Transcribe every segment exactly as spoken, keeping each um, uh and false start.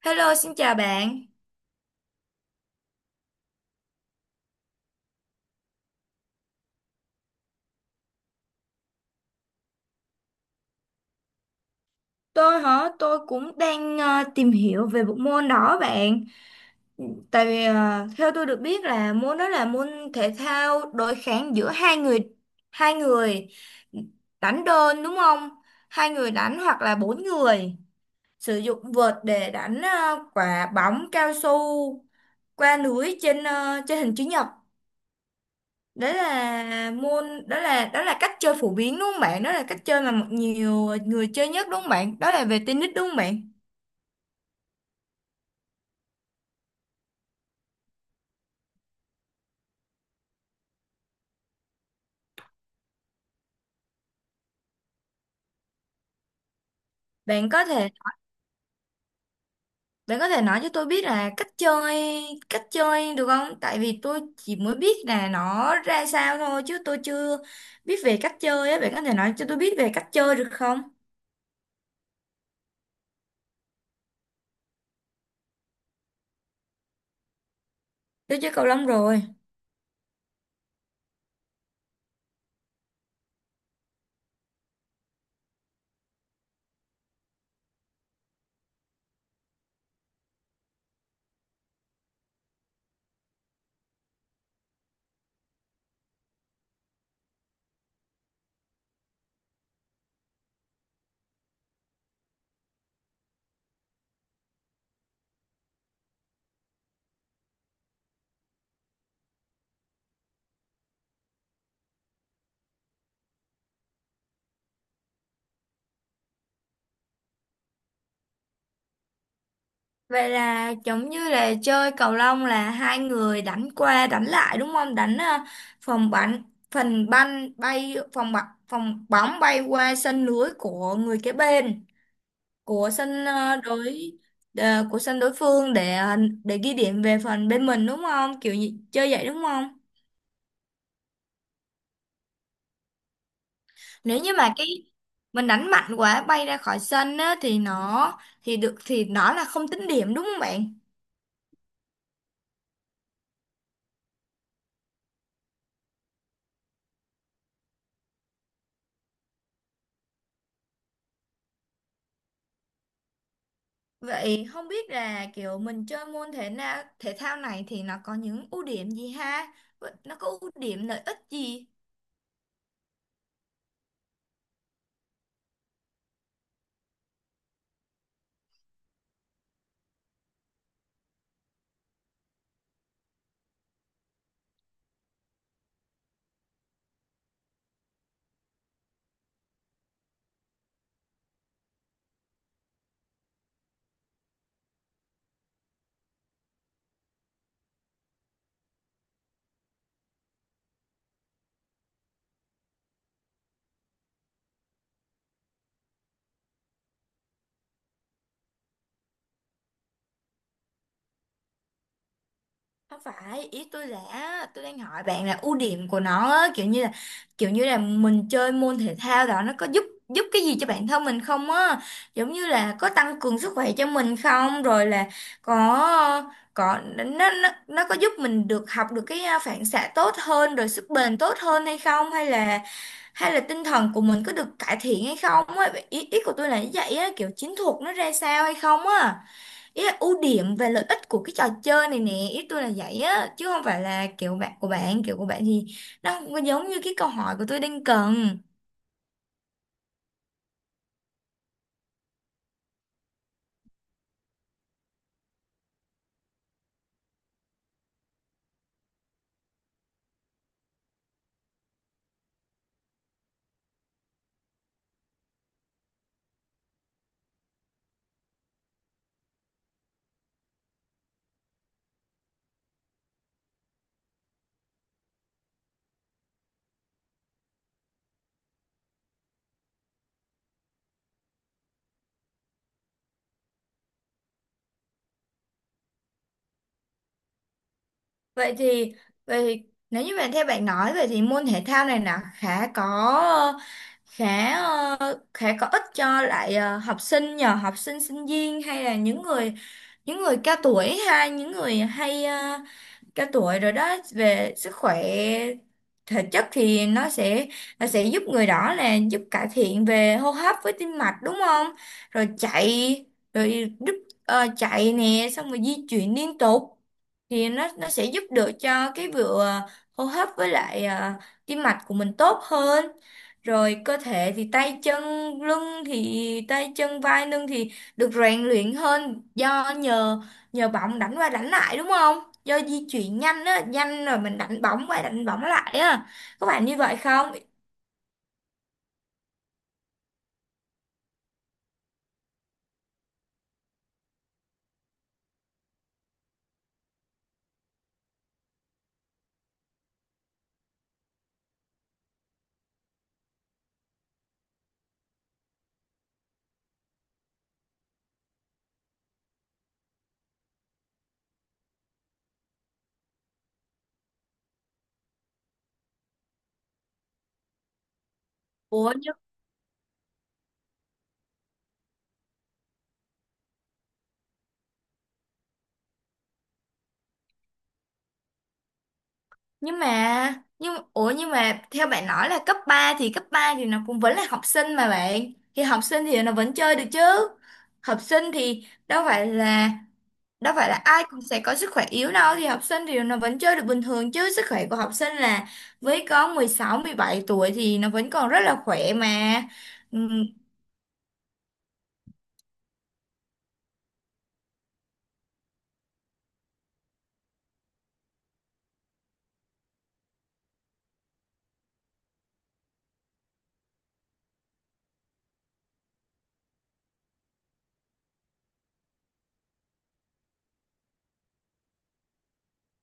Hello, xin chào bạn. Tôi hả? Tôi cũng đang ờ, tìm hiểu về bộ môn đó bạn. Tại vì ờ, theo tôi được biết là môn đó là môn thể thao đối kháng giữa hai người hai người đánh đơn đúng không? Hai người đánh hoặc là bốn người sử dụng vợt để đánh ờ, quả bóng cao su qua lưới trên ờ, trên hình chữ nhật. Đó là môn đó là đó là cách chơi phổ biến đúng không bạn? Đó là cách chơi mà một nhiều người chơi nhất đúng không bạn? Đó là về tennis đúng không bạn? Bạn có thể bạn có thể nói cho tôi biết là cách chơi cách chơi được không? Tại vì tôi chỉ mới biết là nó ra sao thôi chứ tôi chưa biết về cách chơi á, bạn có thể nói cho tôi biết về cách chơi được không? Tôi chơi cầu lông rồi. Vậy là giống như là chơi cầu lông là hai người đánh qua đánh lại đúng không? Đánh ờ, phòng bắn phần banh bay phòng bắn phòng bóng bay qua sân lưới của người kế bên của sân ờ, đối ờ, của sân đối phương để ờ, để ghi điểm về phần bên mình đúng không? Kiểu như, chơi vậy đúng không? Nếu như mà cái mình đánh mạnh quá bay ra khỏi sân á, thì nó thì được thì nó là không tính điểm đúng không bạn? Vậy không biết là kiểu mình chơi môn thể nào thể thao này thì nó có những ưu điểm gì ha? Vậy Nó có ưu điểm lợi ích gì? Không phải, ý tôi là tôi đang hỏi bạn là ưu điểm của nó á, kiểu như là kiểu như là mình chơi môn thể thao đó nó có giúp giúp cái gì cho bản thân mình không á? Giống như là có tăng cường sức khỏe cho mình không? Rồi là có có nó nó nó có giúp mình được học được cái à, phản xạ tốt hơn rồi sức bền tốt hơn hay không hay là hay là tinh thần của mình có được cải thiện hay không á, ý, ý của tôi là như vậy á, kiểu chiến thuật nó ra sao hay không á, ý là ưu điểm về lợi ích của cái trò chơi này nè, ý tôi là vậy á, chứ không phải là kiểu bạn của bạn kiểu của bạn thì nó không có giống như cái câu hỏi của tôi đang cần. Vậy thì vậy thì nếu như bạn theo bạn nói vậy thì môn thể thao này là khá có khá ờ, khá có ích cho lại ờ, học sinh nhờ học sinh sinh viên hay là những người những người cao tuổi hay những người hay ờ, cả tuổi rồi đó về sức khỏe thể chất thì nó sẽ nó sẽ giúp người đó là giúp cải thiện về hô hấp với tim mạch đúng không, rồi chạy rồi giúp ờ, chạy nè xong rồi di chuyển liên tục thì nó nó sẽ giúp được cho cái vừa hô hấp với lại ờ, tim mạch của mình tốt hơn, rồi cơ thể thì tay chân lưng thì tay chân vai lưng thì được rèn luyện hơn do nhờ nhờ bóng đánh qua đánh lại đúng không, do di chuyển nhanh á, nhanh rồi mình đánh bóng qua đánh bóng lại á, có phải như vậy không? Ủa nhưng nhưng mà nhưng ủa nhưng mà theo bạn nói là cấp ba thì cấp ba thì nó cũng vẫn là học sinh mà bạn, thì học sinh thì nó vẫn chơi được chứ, học sinh thì đâu phải là đâu phải là ai cũng sẽ có sức khỏe yếu đâu, thì học sinh thì nó vẫn chơi được bình thường chứ, sức khỏe của học sinh là với có mười sáu mười bảy tuổi thì nó vẫn còn rất là khỏe mà. Ừ,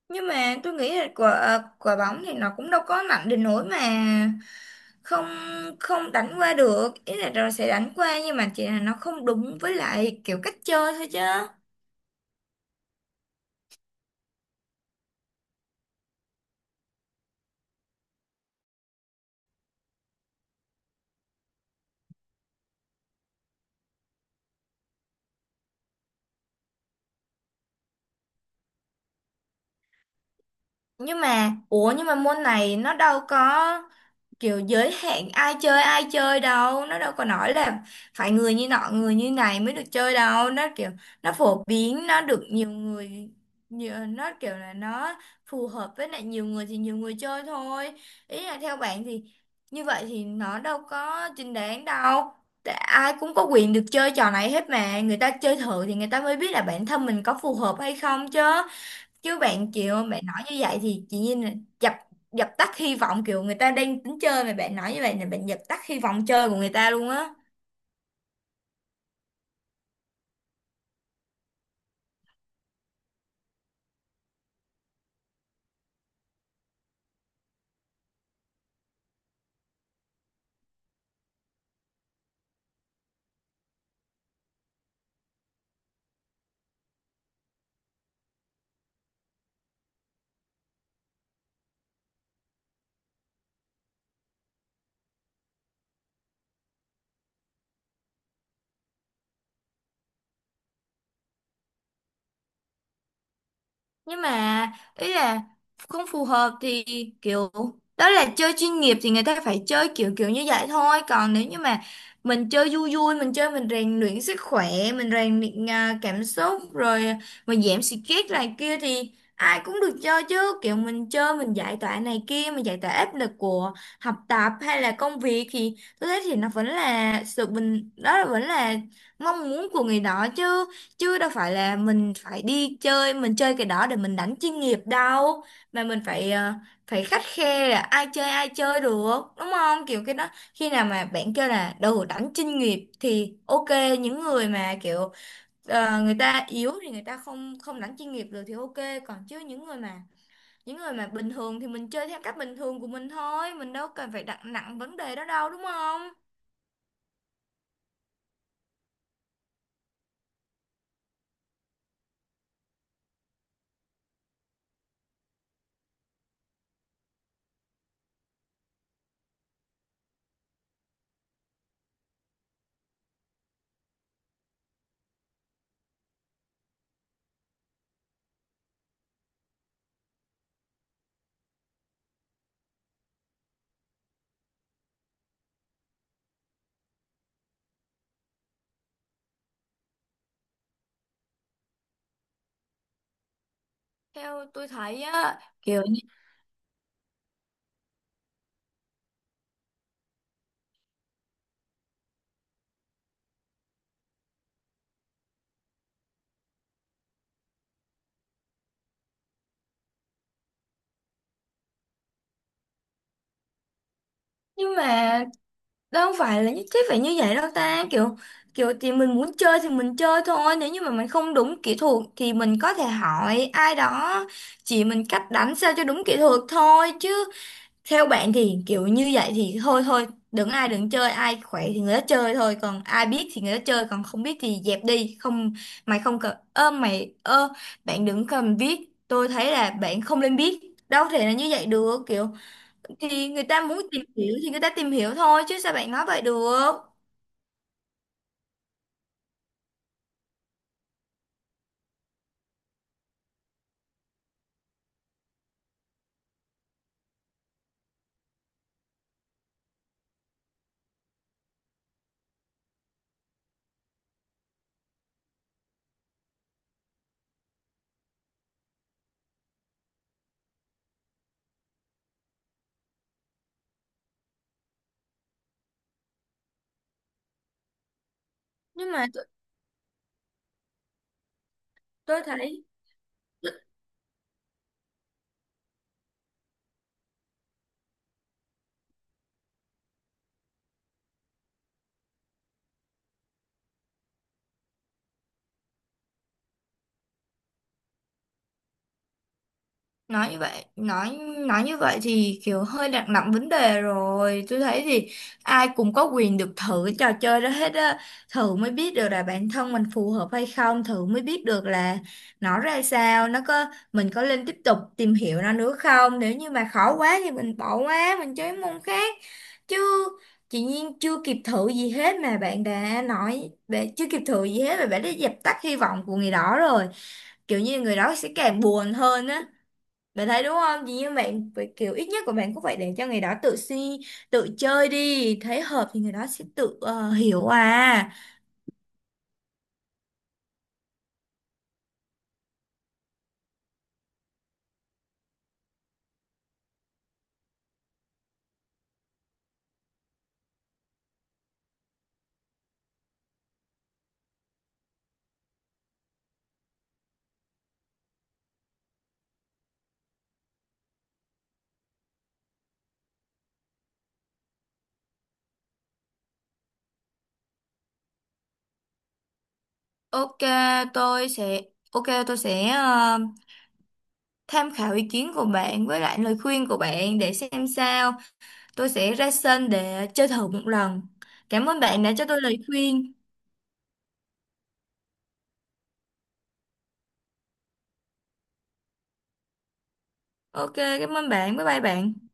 nhưng mà tôi nghĩ là quả à, quả bóng thì nó cũng đâu có mạnh đến nỗi mà không không đánh qua được, ý là rồi sẽ đánh qua nhưng mà chỉ là nó không đúng với lại kiểu cách chơi thôi chứ. Nhưng mà ủa nhưng mà môn này nó đâu có kiểu giới hạn ai chơi ai chơi đâu, nó đâu có nói là phải người như nọ người như này mới được chơi đâu, nó kiểu nó phổ biến nó được nhiều người nhiều, nó kiểu là nó phù hợp với lại nhiều người thì nhiều người chơi thôi, ý là theo bạn thì như vậy thì nó đâu có chính đáng đâu. Tại ai cũng có quyền được chơi trò này hết mà người ta chơi thử thì người ta mới biết là bản thân mình có phù hợp hay không chứ, chứ bạn kiểu bạn nói như vậy thì chị Nhiên là dập dập tắt hy vọng kiểu người ta đang tính chơi mà bạn nói như vậy là bạn dập tắt hy vọng chơi của người ta luôn á. Nhưng mà ý là không phù hợp thì kiểu đó là chơi chuyên nghiệp thì người ta phải chơi kiểu kiểu như vậy thôi, còn nếu như mà mình chơi vui vui, mình chơi mình rèn luyện sức khỏe, mình rèn luyện à, cảm xúc rồi mình giảm stress này kia thì ai cũng được chơi chứ, kiểu mình chơi mình giải tỏa này kia, mình giải tỏa áp lực của học tập hay là công việc thì tôi thấy thì nó vẫn là sự bình đó là vẫn là mong muốn của người đó chứ, chứ đâu phải là mình phải đi chơi, mình chơi cái đó để mình đánh chuyên nghiệp đâu mà mình phải ờ, phải khắt khe là ai chơi ai chơi được đúng không, kiểu cái đó khi nào mà bạn kêu là đồ đánh chuyên nghiệp thì ok, những người mà kiểu ờ, người ta yếu thì người ta không không đánh chuyên nghiệp được thì ok, còn chứ những người mà những người mà bình thường thì mình chơi theo cách bình thường của mình thôi, mình đâu cần phải đặt nặng vấn đề đó đâu đúng không. Theo tôi thấy á, kiểu như- nhưng mà đâu không phải là nhất thiết phải như vậy đâu ta, kiểu kiểu thì mình muốn chơi thì mình chơi thôi, nếu như mà mình không đúng kỹ thuật thì mình có thể hỏi ai đó chỉ mình cách đánh sao cho đúng kỹ thuật thôi chứ. Theo bạn thì kiểu như vậy thì thôi thôi đừng ai đừng chơi, ai khỏe thì người đó chơi thôi, còn ai biết thì người đó chơi còn không biết thì dẹp đi không, mày không cần ơ mày ơ bạn đừng cần viết, tôi thấy là bạn không nên biết, đâu thể là như vậy được kiểu, thì người ta muốn tìm hiểu thì người ta tìm hiểu thôi chứ sao bạn nói vậy được. Nhưng mà tôi, tôi thấy nói như vậy nói nói như vậy thì kiểu hơi đặt nặng vấn đề rồi, tôi thấy thì ai cũng có quyền được thử cái trò chơi đó hết á, thử mới biết được là bản thân mình phù hợp hay không, thử mới biết được là nó ra sao, nó có mình có nên tiếp tục tìm hiểu nó nữa không, nếu như mà khó quá thì mình bỏ qua mình chơi môn khác chứ, chị Nhiên chưa kịp thử gì hết mà bạn đã nói, bạn chưa kịp thử gì hết mà bạn đã dập tắt hy vọng của người đó rồi, kiểu như người đó sẽ càng buồn hơn á, bạn thấy đúng không? Vì như bạn vậy kiểu ít nhất của bạn cũng phải để cho người đó tự suy, tự chơi đi, thấy hợp thì người đó sẽ tự ờ, hiểu à. Ok, tôi sẽ ok tôi sẽ ờ, tham khảo ý kiến của bạn với lại lời khuyên của bạn để xem sao. Tôi sẽ ra sân để chơi thử một lần. Cảm ơn bạn đã cho tôi lời khuyên. Ok, cảm ơn bạn. Bye bye bạn.